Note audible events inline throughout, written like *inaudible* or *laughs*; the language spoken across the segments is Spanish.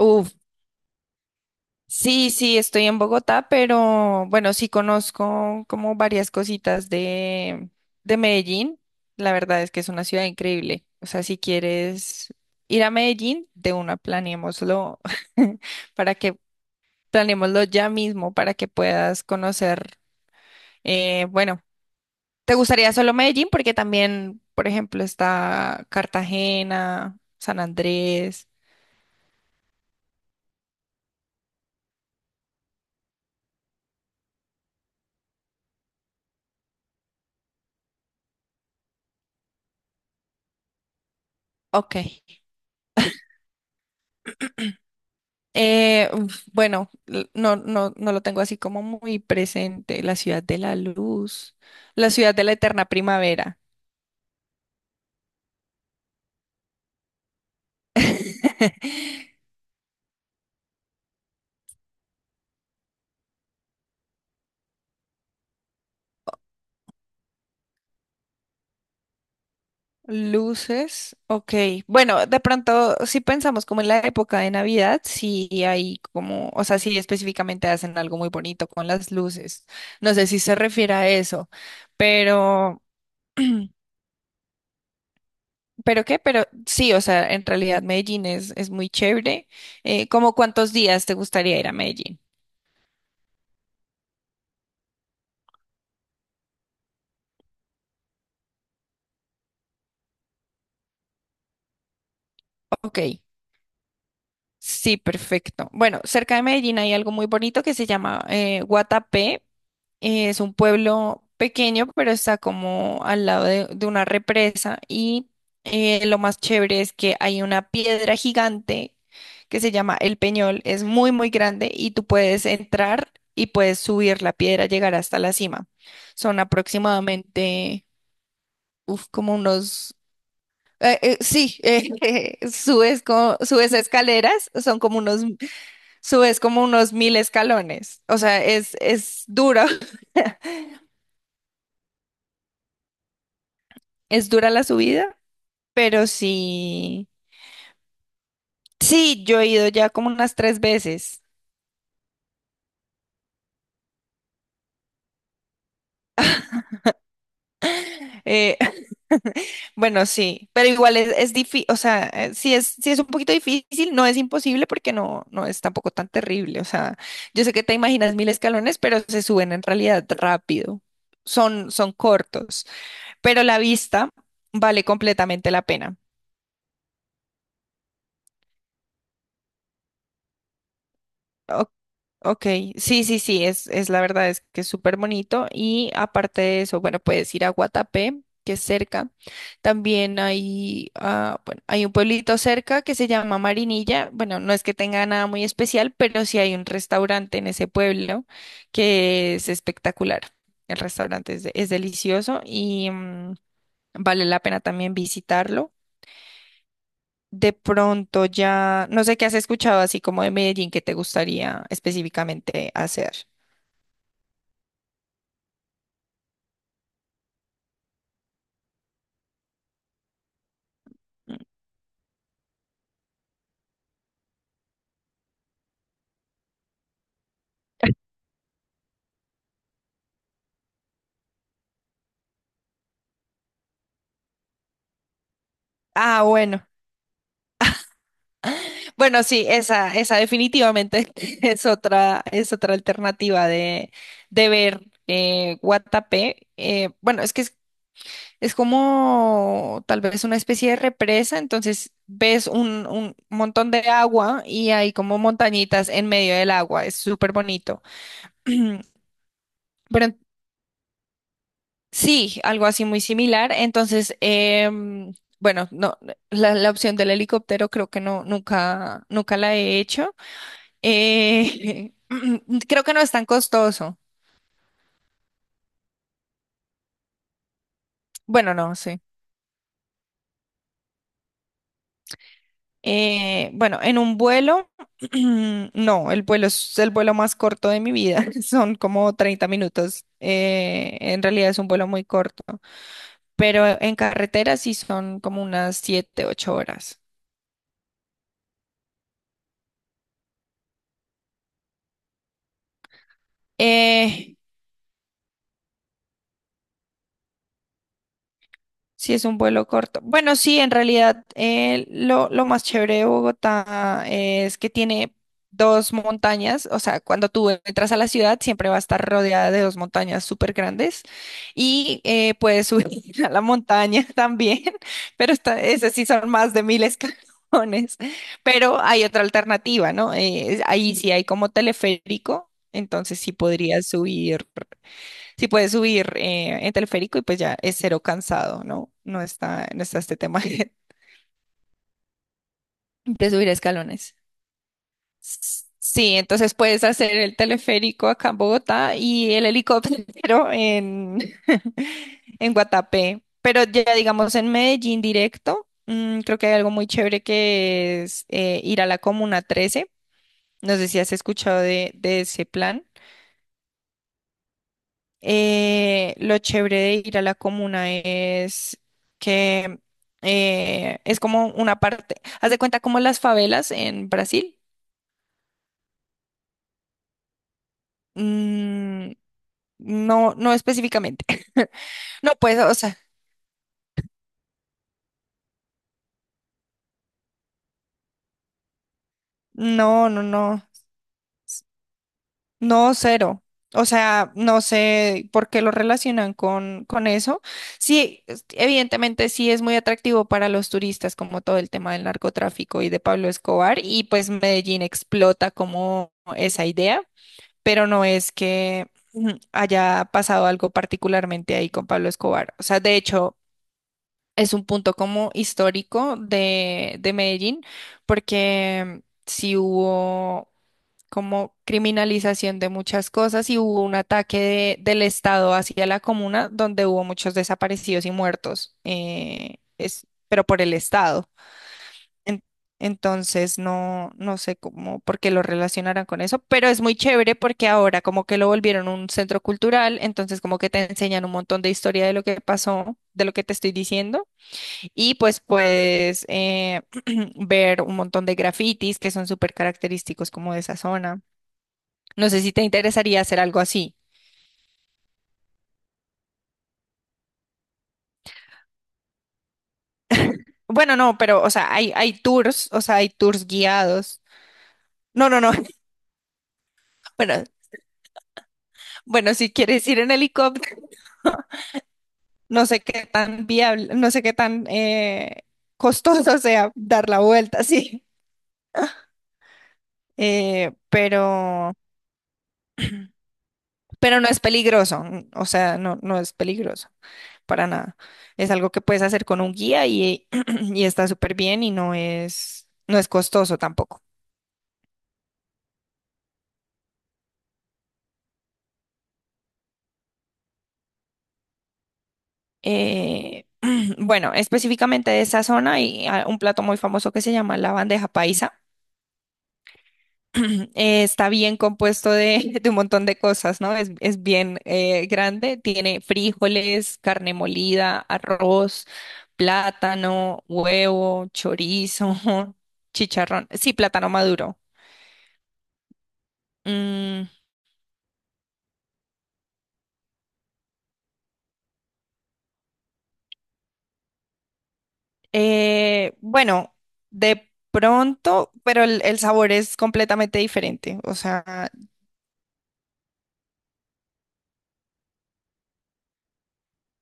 Uf, sí, sí, estoy en Bogotá, pero bueno, sí conozco como varias cositas de Medellín. La verdad es que es una ciudad increíble. O sea, si quieres ir a Medellín, de una planeémoslo *laughs* para que planeémoslo ya mismo para que puedas conocer. Bueno, ¿te gustaría solo Medellín? Porque también, por ejemplo, está Cartagena, San Andrés. Ok. Uf, bueno, no, no, no lo tengo así como muy presente. La ciudad de la luz, la ciudad de la eterna primavera. *laughs* Luces, ok. Bueno, de pronto, si pensamos como en la época de Navidad, sí hay como, o sea, sí específicamente hacen algo muy bonito con las luces. No sé si se refiere a eso, pero, *clears throat* ¿pero qué? Pero sí, o sea, en realidad Medellín es muy chévere. ¿Cómo cuántos días te gustaría ir a Medellín? Ok. Sí, perfecto. Bueno, cerca de Medellín hay algo muy bonito que se llama Guatapé. Es un pueblo pequeño, pero está como al lado de una represa y lo más chévere es que hay una piedra gigante que se llama El Peñol. Es muy, muy grande y tú puedes entrar y puedes subir la piedra, llegar hasta la cima. Son aproximadamente, uf, como unos... sí, *laughs* subes escaleras, son como unos subes como unos mil escalones. O sea, es, *laughs* es dura la subida, pero sí, sí, yo he ido ya como unas tres veces. Eh, *laughs* bueno, sí, pero igual es difícil, o sea, sí es un poquito difícil, no es imposible porque no, no es tampoco tan terrible. O sea, yo sé que te imaginas mil escalones, pero se suben en realidad rápido. Son cortos, pero la vista vale completamente la pena. Ok. Ok, sí, sí, sí, es la verdad, es que es súper bonito y aparte de eso, bueno, puedes ir a Guatapé, que es cerca. También hay, ah, bueno, hay un pueblito cerca que se llama Marinilla. Bueno, no es que tenga nada muy especial, pero sí hay un restaurante en ese pueblo que es espectacular. El restaurante es delicioso y vale la pena también visitarlo. De pronto ya, no sé qué has escuchado así como de Medellín que te gustaría específicamente hacer. Ah, bueno. Bueno, sí, esa definitivamente *laughs* es otra alternativa de ver Guatapé. Bueno, es que es como tal vez una especie de represa, entonces ves un montón de agua y hay como montañitas en medio del agua, es súper bonito. *clears throat* Pero sí, algo así muy similar. Entonces, bueno, no, la opción del helicóptero creo que no, nunca, nunca la he hecho. Eh, *laughs* creo que no es tan costoso. Bueno, no, sí. Bueno, en un vuelo, *clears throat* no, el vuelo es el vuelo más corto de mi vida. *laughs* Son como 30 minutos. En realidad es un vuelo muy corto, pero en carretera sí son como unas siete, ocho horas. Eh, Si es un vuelo corto. Bueno, sí, en realidad lo más chévere de Bogotá es que tiene dos montañas, o sea, cuando tú entras a la ciudad siempre va a estar rodeada de dos montañas súper grandes y puedes subir *laughs* a la montaña también, *laughs* pero esas sí son más de mil escalones, pero hay otra alternativa, ¿no? Ahí sí hay como teleférico, entonces sí podrías subir. Sí puedes subir en teleférico y pues ya es cero cansado, ¿no? No está, no está este tema *laughs* de subir escalones. Sí, entonces puedes hacer el teleférico acá en Bogotá y el helicóptero en, *laughs* en Guatapé. Pero ya digamos en Medellín directo, mm, creo que hay algo muy chévere que es ir a la Comuna 13. No sé si has escuchado de ese plan. Lo chévere de ir a la comuna es que es como una parte, haz de cuenta como las favelas en Brasil. Mm, no, no específicamente. *laughs* No, pues, o sea, no, no, no, no, cero. O sea, no sé por qué lo relacionan con eso. Sí, evidentemente sí es muy atractivo para los turistas, como todo el tema del narcotráfico y de Pablo Escobar, y pues Medellín explota como esa idea. Pero no es que haya pasado algo particularmente ahí con Pablo Escobar. O sea, de hecho, es un punto como histórico de Medellín, porque sí hubo como criminalización de muchas cosas y hubo un ataque del Estado hacia la comuna donde hubo muchos desaparecidos y muertos, pero por el Estado. En- Entonces no, no sé cómo, por qué lo relacionarán con eso, pero es muy chévere porque ahora como que lo volvieron un centro cultural, entonces como que te enseñan un montón de historia de lo que pasó, de lo que te estoy diciendo, y pues puedes *clears throat* ver un montón de grafitis que son súper característicos como de esa zona. No sé si te interesaría hacer algo así. Bueno, no, pero o sea, hay tours, o sea, hay tours guiados. No, no, no. *laughs* Bueno, bueno, si quieres ir en helicóptero. No sé qué tan viable, no sé qué tan costoso *laughs* sea dar la vuelta, sí. Eh, pero, pero, no es peligroso, o sea, no es peligroso para nada. Es algo que puedes hacer con un guía y, *clears throat* y está súper bien y no es, no es costoso tampoco. Eh, *clears throat* bueno, específicamente de esa zona hay un plato muy famoso que se llama la bandeja paisa. *clears throat* Está bien compuesto de un montón de cosas, ¿no? Es bien grande, tiene frijoles, carne molida, arroz, plátano, huevo, chorizo, *laughs* chicharrón, sí, plátano maduro. Mm, bueno, de pronto, pero el sabor es completamente diferente, o sea,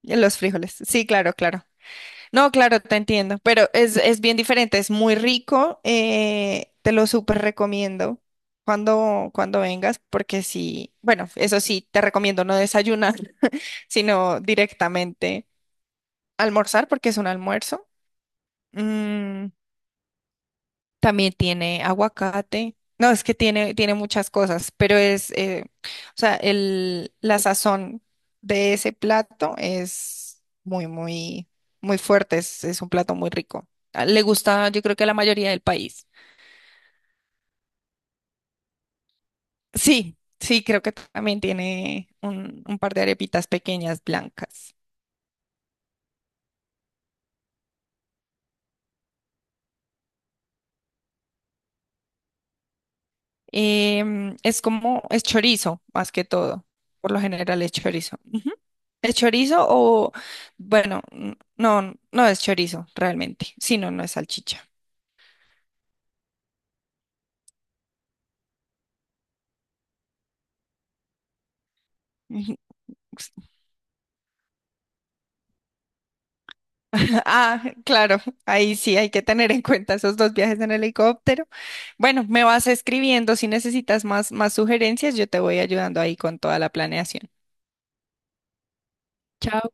los frijoles, sí, claro, claro. No, claro, te entiendo, pero es bien diferente, es muy rico, te lo súper recomiendo cuando vengas, porque sí, bueno, eso sí, te recomiendo no desayunar, *laughs* sino directamente almorzar, porque es un almuerzo. Mm. También tiene aguacate. No, es que tiene, muchas cosas, pero o sea, la sazón de ese plato es muy, muy, muy fuerte. Es un plato muy rico. Ah, le gusta, yo creo que a la mayoría del país. Sí, sí, creo que también tiene un par de arepitas pequeñas blancas. Es como, es chorizo, más que todo. Por lo general es chorizo. Ujú. ¿Es chorizo o, bueno, no es chorizo realmente. Si no, no es salchicha. Ujú. *laughs* Ah, claro, ahí sí hay que tener en cuenta esos dos viajes en helicóptero. Bueno, me vas escribiendo si necesitas más, sugerencias, yo te voy ayudando ahí con toda la planeación. Chao.